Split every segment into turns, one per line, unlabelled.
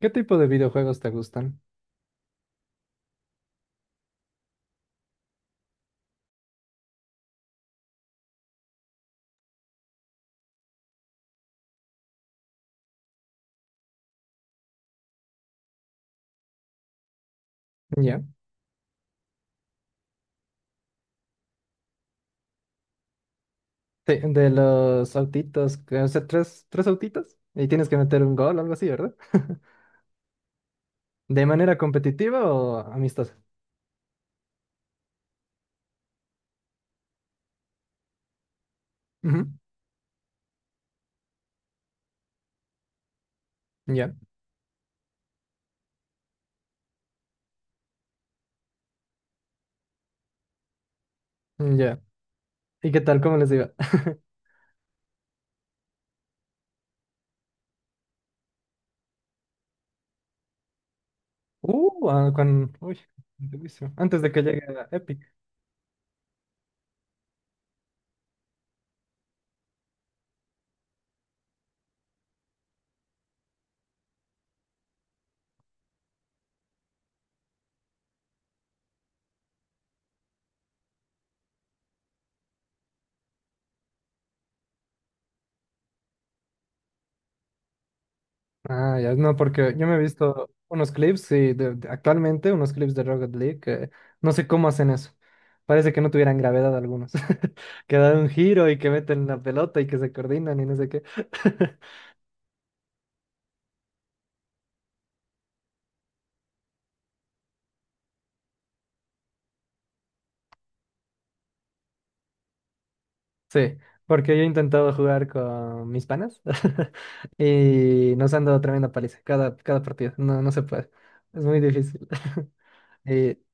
¿Qué tipo de videojuegos te gustan? Ya. Los autitos, o sea, tres autitos y tienes que meter un gol o algo así, ¿verdad? ¿De manera competitiva o amistosa? Ujú. Ya, ya. ¿Y qué tal? ¿Cómo les digo? Ah, con... Uy, durísimo. Antes de que llegue a Epic. Ah, ya, no, porque yo me he visto unos clips, sí, actualmente unos clips de Rocket League, que no sé cómo hacen eso. Parece que no tuvieran gravedad algunos. Que dan un giro y que meten la pelota y que se coordinan y no sé qué. Sí, porque yo he intentado jugar con mis panas y nos han dado tremenda paliza cada partido. No, no se puede. Es muy difícil.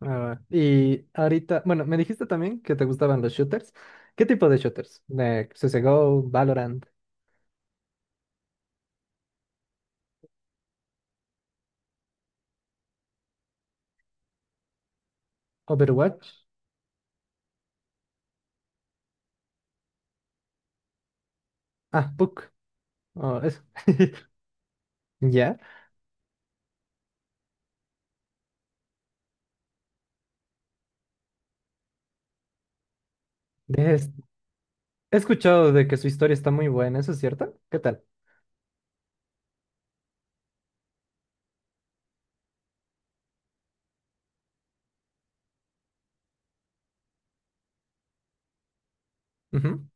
Ah, y ahorita, bueno, me dijiste también que te gustaban los shooters. ¿Qué tipo de shooters? De CSGO, Valorant, Overwatch. Ah, PUC. Oh, eso. Ya. De es- He escuchado de que su historia está muy buena, ¿eso es cierto? ¿Qué tal? Ujú.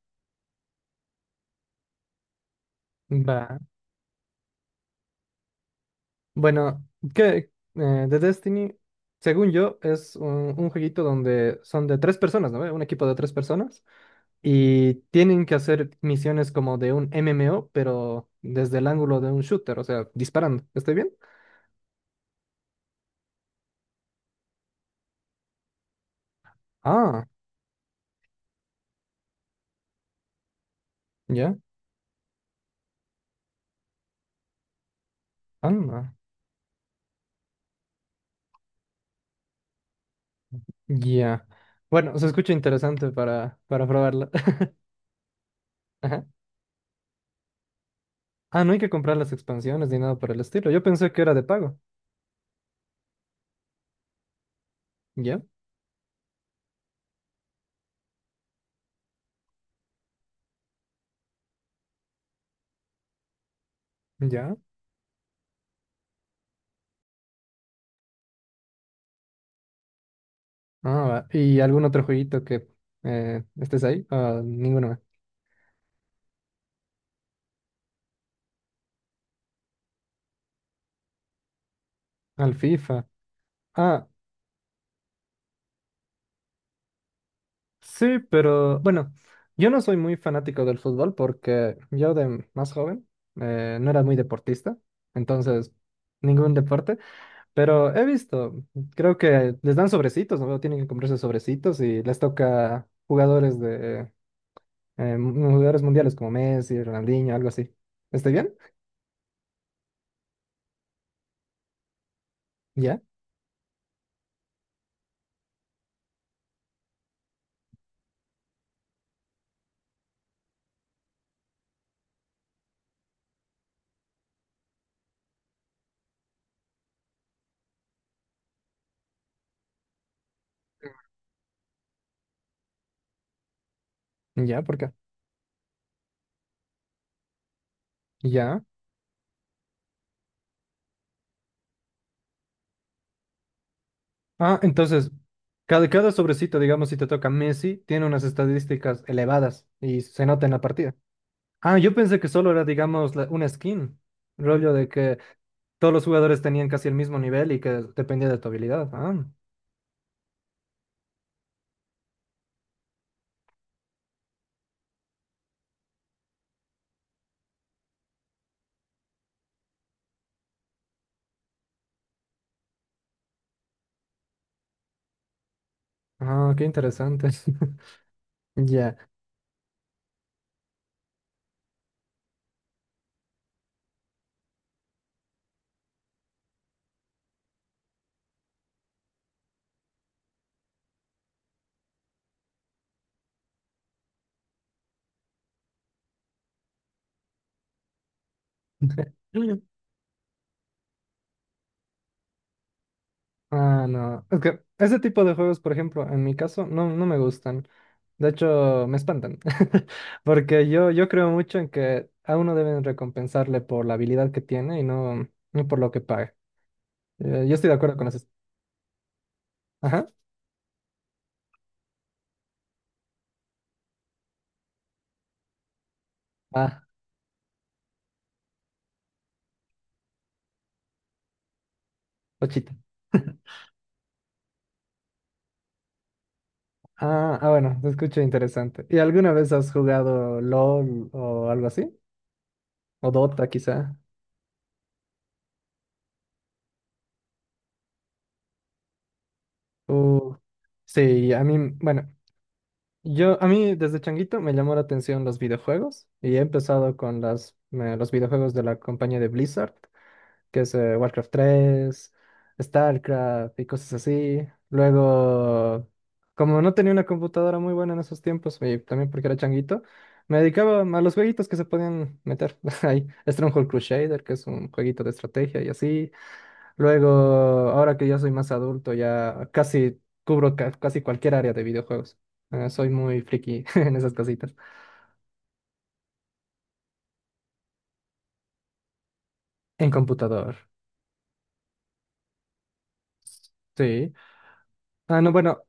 Va. Bueno, que The Destiny, según yo, es un jueguito donde son de tres personas, ¿no? Un equipo de tres personas. Y tienen que hacer misiones como de un MMO, pero desde el ángulo de un shooter, o sea, disparando. ¿Estoy bien? Ah, ya. Anda. Ya. Bueno, se escucha interesante para probarla. Ajá. Ah, no hay que comprar las expansiones ni nada por el estilo. Yo pensé que era de pago. ¿Ya? ¿Ya? Ah, va. ¿Y algún otro jueguito que estés ahí? Ah, ninguno. Más. Al FIFA. Ah, sí, pero bueno, yo no soy muy fanático del fútbol porque yo de más joven no era muy deportista, entonces ningún deporte, pero he visto, creo que les dan sobrecitos, ¿no? Tienen que comprarse sobrecitos y les toca jugadores de jugadores mundiales como Messi, Ronaldinho, algo así. ¿Estoy bien? ¿Ya? ¿Ya? ¿Por qué? ¿Ya? Ah, entonces, cada sobrecito, digamos, si te toca Messi, tiene unas estadísticas elevadas y se nota en la partida. Ah, yo pensé que solo era, digamos, una skin. Rollo de que todos los jugadores tenían casi el mismo nivel y que dependía de tu habilidad. Ah, ah, qué interesante. Ya. Ah, no. Es que ese tipo de juegos, por ejemplo, en mi caso, no, no me gustan. De hecho, me espantan. Porque yo creo mucho en que a uno deben recompensarle por la habilidad que tiene y no, no por lo que paga. Yo estoy de acuerdo con eso. Ajá. Ah, ochita. Ah, ah, bueno, se escucha interesante. ¿Y alguna vez has jugado LOL o algo así? ¿O Dota quizá? Uh, sí, a mí, bueno, yo, a mí desde changuito me llamó la atención los videojuegos y he empezado con los videojuegos de la compañía de Blizzard, que es Warcraft 3, StarCraft y cosas así. Luego, como no tenía una computadora muy buena en esos tiempos, y también porque era changuito, me dedicaba a los jueguitos que se podían meter ahí. Stronghold Crusader, que es un jueguito de estrategia y así. Luego, ahora que ya soy más adulto, ya casi cubro casi cualquier área de videojuegos. Soy muy friki en esas casitas. En computador. Sí. Ah, no, bueno,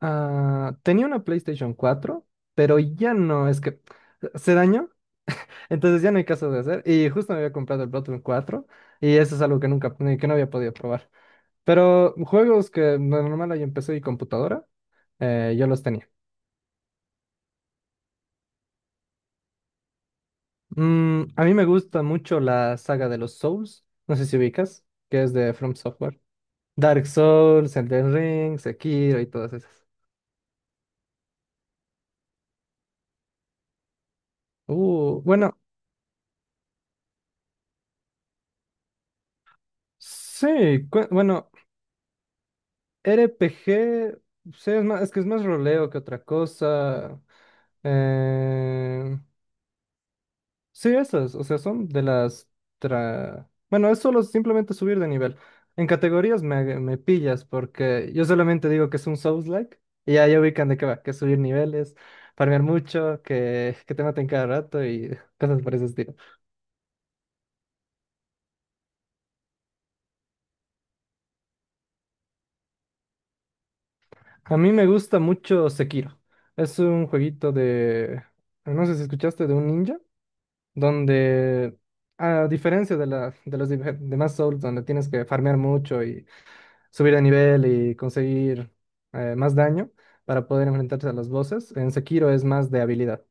ah, tenía una PlayStation 4, pero ya no, es que se dañó, entonces ya no hay caso de hacer. Y justo me había comprado el Bloodborne 4 y eso es algo que nunca, que no había podido probar. Pero juegos que de normal hay en PC y computadora, yo los tenía. Mm, a mí me gusta mucho la saga de los Souls, no sé si ubicas, que es de From Software. Dark Souls, Elden Ring, Sekiro y todas esas. Bueno, sí, bueno, RPG, sí, es más, es que es más roleo que otra cosa. Eh, sí, esas, o sea, son de las... Bueno, es solo simplemente subir de nivel. En categorías me pillas porque yo solamente digo que es un Souls-like y ya ubican de qué va, que es subir niveles, farmear mucho, que te maten cada rato y cosas por ese estilo. A mí me gusta mucho Sekiro. Es un jueguito de... No sé si escuchaste de un ninja, donde, a diferencia de los demás Souls, donde tienes que farmear mucho y subir de nivel y conseguir más daño para poder enfrentarte a los bosses, en Sekiro es más de habilidad.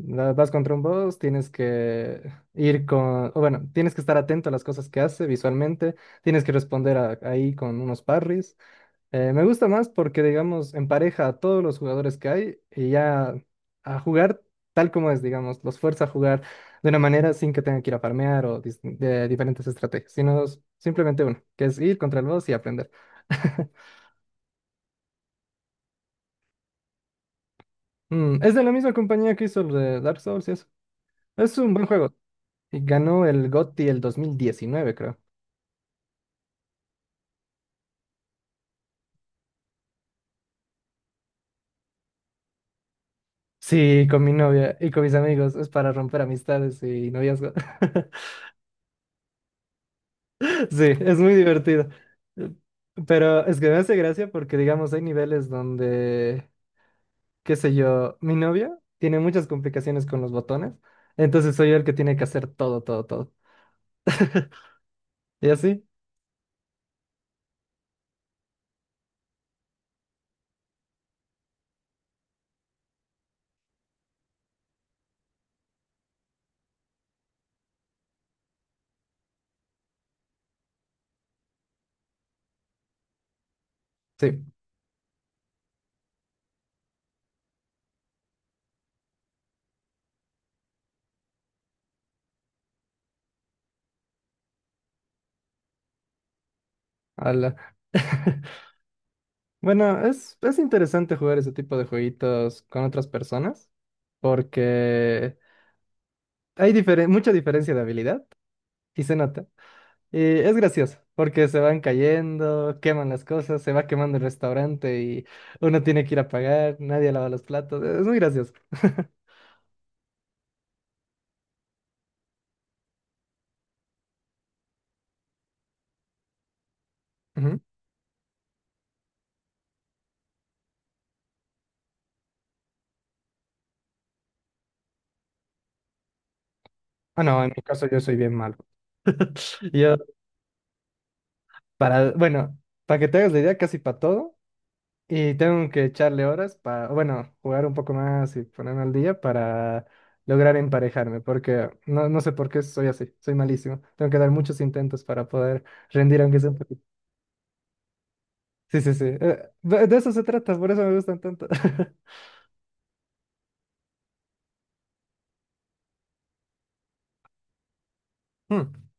Vas contra un boss, tienes que ir con, o bueno, tienes que estar atento a las cosas que hace visualmente, tienes que responder ahí con unos parries. Me gusta más porque, digamos, empareja a todos los jugadores que hay y ya a jugar tal como es, digamos, los fuerza a jugar de una manera sin que tengan que ir a farmear o de diferentes estrategias, sino simplemente uno, que es ir contra el boss y aprender. Mm, es de la misma compañía que hizo el de Dark Souls y eso. Es un buen juego. Y ganó el GOTY el 2019, creo. Sí, con mi novia y con mis amigos. Es para romper amistades y noviazgo. Sí, es muy divertido. Eh, Pero es que me, hace gracia porque, digamos, hay niveles donde, qué sé yo, mi novia tiene muchas complicaciones con los botones, entonces soy yo el que tiene que hacer todo, todo, todo. ¿Y así? Sí, ala. Bueno, es interesante jugar ese tipo de jueguitos con otras personas porque hay mucha diferencia de habilidad y se nota. Y es gracioso, porque se van cayendo, queman las cosas, se va quemando el restaurante y uno tiene que ir a pagar, nadie lava los platos. Es muy gracioso. Ujú. Ah, no, en mi caso yo soy bien malo. Yo, para, bueno, para que te hagas la idea, casi para todo. Y tengo que echarle horas para, bueno, jugar un poco más y ponerme al día para lograr emparejarme, porque no, no sé por qué soy así, soy malísimo. Tengo que dar muchos intentos para poder rendir, aunque sea un poquito. Sí, sí, sí. De eso se trata, por eso me gustan tanto.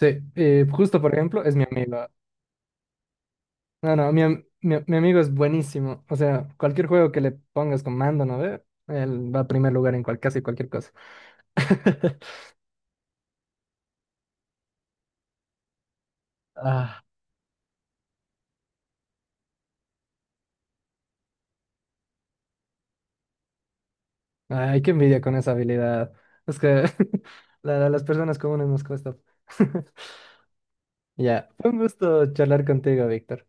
Sí, justo por ejemplo, es mi amigo. No, no, mi amigo es buenísimo. O sea, cualquier juego que le pongas con mando, ¿no ve? Él va a primer lugar en casi cualquier cosa. Ah, ay, qué envidia con esa habilidad. Es que las personas comunes nos cuesta. Ya, fue un gusto charlar contigo, Víctor.